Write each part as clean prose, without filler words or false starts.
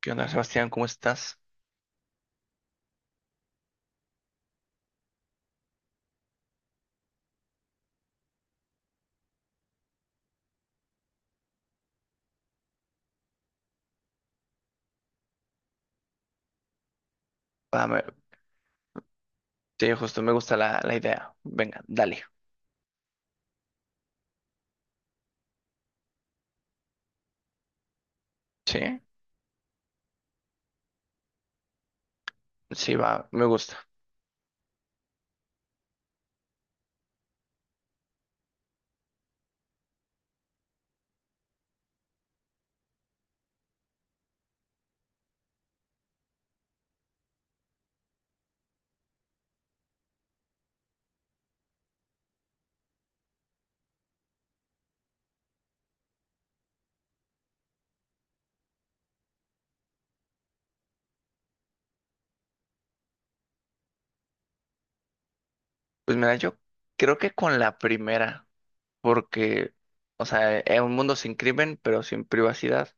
¿Qué onda, Sebastián? ¿Cómo estás? Va, me- sí, justo me gusta la idea. Venga, dale. Sí, sí, va, me gusta. Pues mira, yo creo que con la primera, porque, o sea, es un mundo sin crimen, pero sin privacidad.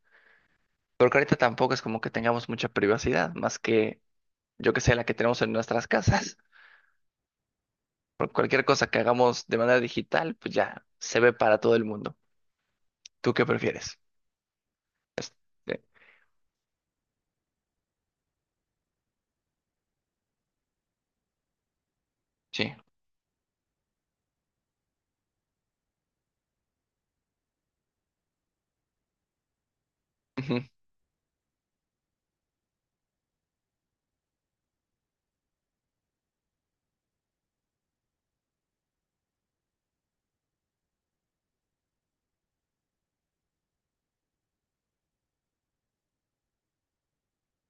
Porque ahorita tampoco es como que tengamos mucha privacidad, más que, yo que sé, la que tenemos en nuestras casas. Por cualquier cosa que hagamos de manera digital, pues ya se ve para todo el mundo. ¿Tú qué prefieres? Sí. Sí. Ujú.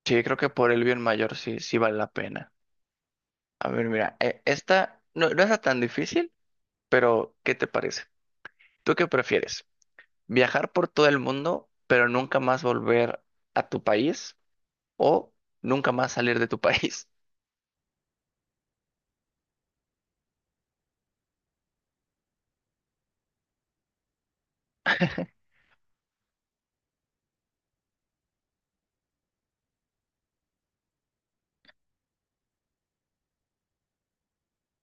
Sí, creo que por el bien mayor sí, sí vale la pena. A ver, mira, esta no, no es tan difícil, pero ¿qué te parece? ¿Tú qué prefieres? ¿Viajar por todo el mundo, pero nunca más volver a tu país o nunca más salir de tu país?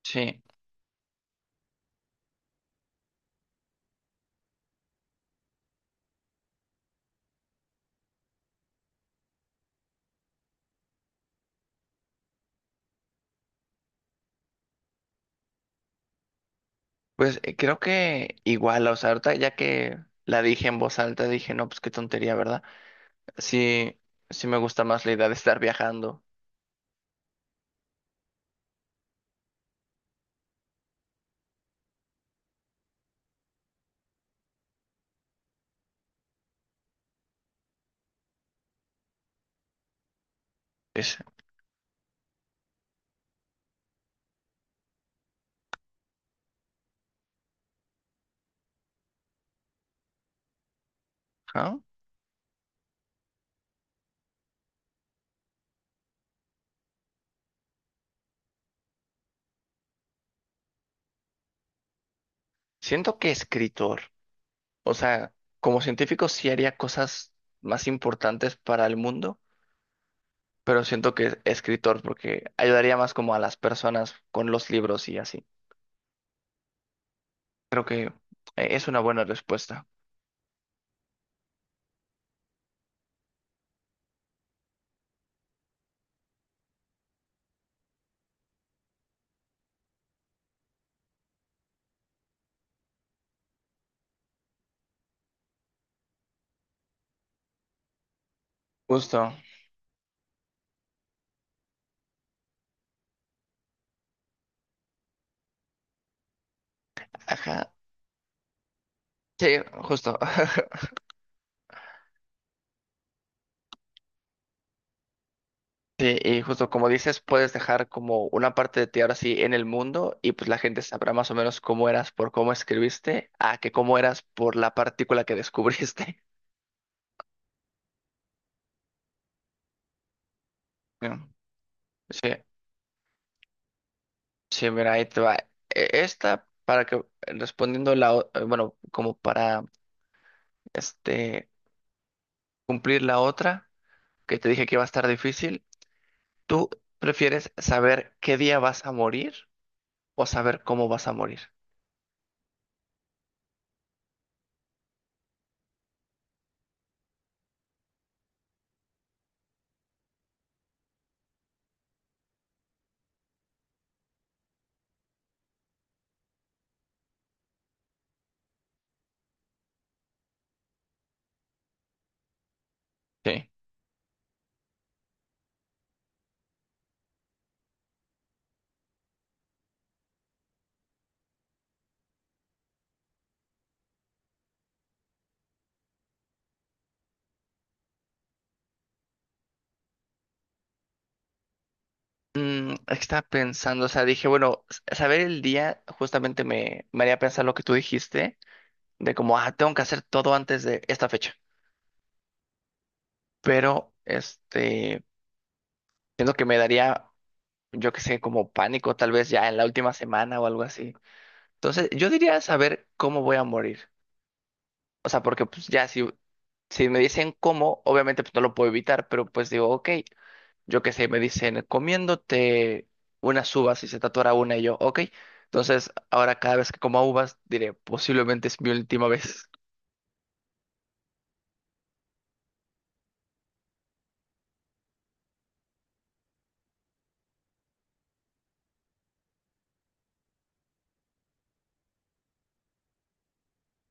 Sí, pues creo que igual, o sea, ahorita ya que la dije en voz alta, dije, no, pues qué tontería, ¿verdad? Sí, sí me gusta más la idea de estar viajando. Es- ¿Ah? Siento que escritor, o sea, como científico sí haría cosas más importantes para el mundo, pero siento que escritor porque ayudaría más como a las personas con los libros y así. Creo que es una buena respuesta. Justo. Ajá. Sí, justo. Sí, y justo como dices, puedes dejar como una parte de ti ahora sí en el mundo y pues la gente sabrá más o menos cómo eras por cómo escribiste a que cómo eras por la partícula que descubriste. Mm. Sí, sí, mira, ahí te va. Esta, para que respondiendo bueno, como para este cumplir la otra, que te dije que iba a estar difícil. ¿Tú prefieres saber qué día vas a morir o saber cómo vas a morir? Sí. Mm, estaba pensando, o sea, dije, bueno, saber el día justamente me haría pensar lo que tú dijiste, de como, ah, tengo que hacer todo antes de esta fecha. Pero, siento que me daría, yo qué sé, como pánico, tal vez ya en la última semana o algo así. Entonces, yo diría saber cómo voy a morir. O sea, porque pues ya si me dicen cómo, obviamente pues no lo puedo evitar, pero pues digo, ok, yo qué sé, me dicen comiéndote unas uvas y se tatuará una y yo, ok. Entonces, ahora cada vez que coma uvas diré, posiblemente es mi última vez.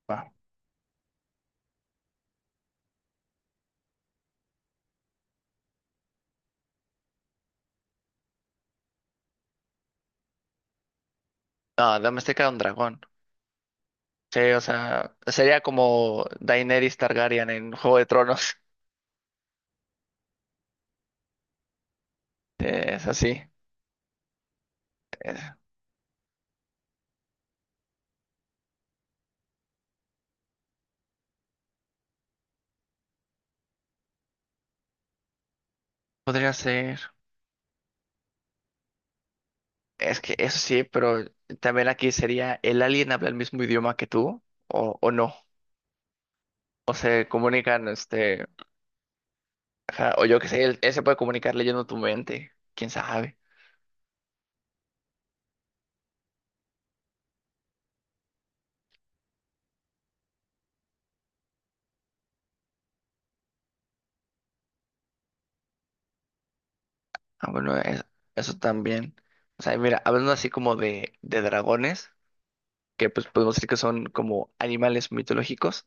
Ah. Ah, Domestika era un dragón. Sí, o sea, sería como Daenerys Targaryen en Juego de Tronos. Es así. Eh, Podría ser. Es que eso sí, pero también aquí sería, ¿el alien habla el mismo idioma que tú? O no? o se comunican, este, Ajá, o yo qué sé, él se puede comunicar leyendo tu mente, quién sabe. Ah, bueno, eso también. O sea, mira, hablando así como de dragones, que pues podemos decir que son como animales mitológicos,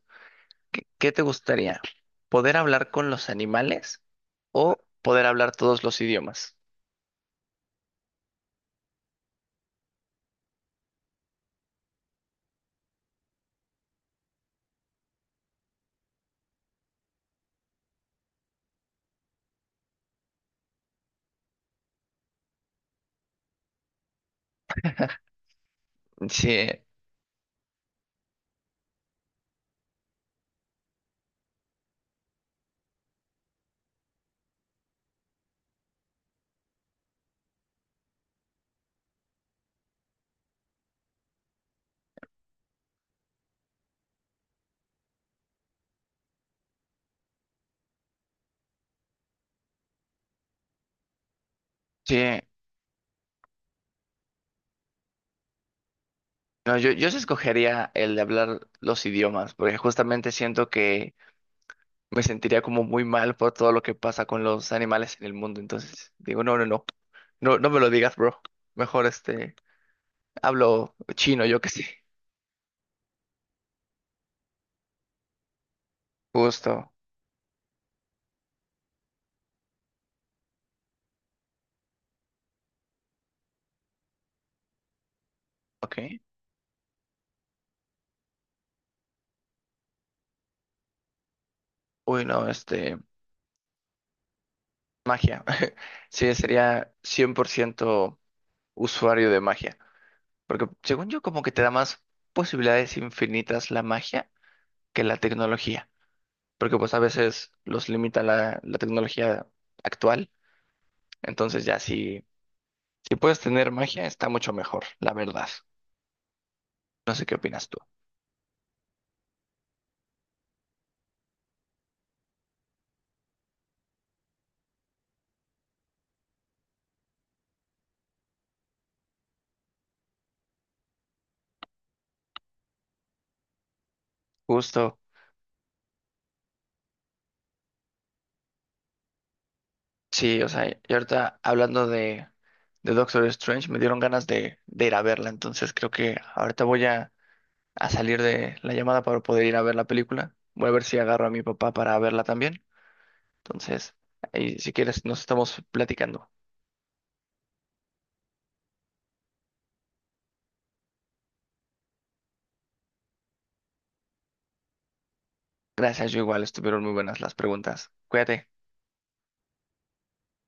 ¿qué te gustaría? ¿Poder hablar con los animales o poder hablar todos los idiomas? Sí, sí. No, yo sí escogería el de hablar los idiomas, porque justamente siento que me sentiría como muy mal por todo lo que pasa con los animales en el mundo. Entonces, digo, no, no, no, no, no me lo digas, bro. Mejor hablo chino, yo qué sé. Justo, ok. Uy, no, magia. Sí, sería 100% usuario de magia. Porque según yo, como que te da más posibilidades infinitas la magia que la tecnología. Porque pues a veces los limita la tecnología actual. Entonces ya si puedes tener magia, está mucho mejor, la verdad. No sé qué opinas tú. Justo, sí, o sea, y ahorita hablando de Doctor Strange, me dieron ganas de ir a verla, entonces creo que ahorita voy a salir de la llamada para poder ir a ver la película. Voy a ver si agarro a mi papá para verla también. Entonces, ahí si quieres, nos estamos platicando. Gracias, yo igual, estuvieron muy buenas las preguntas. Cuídate.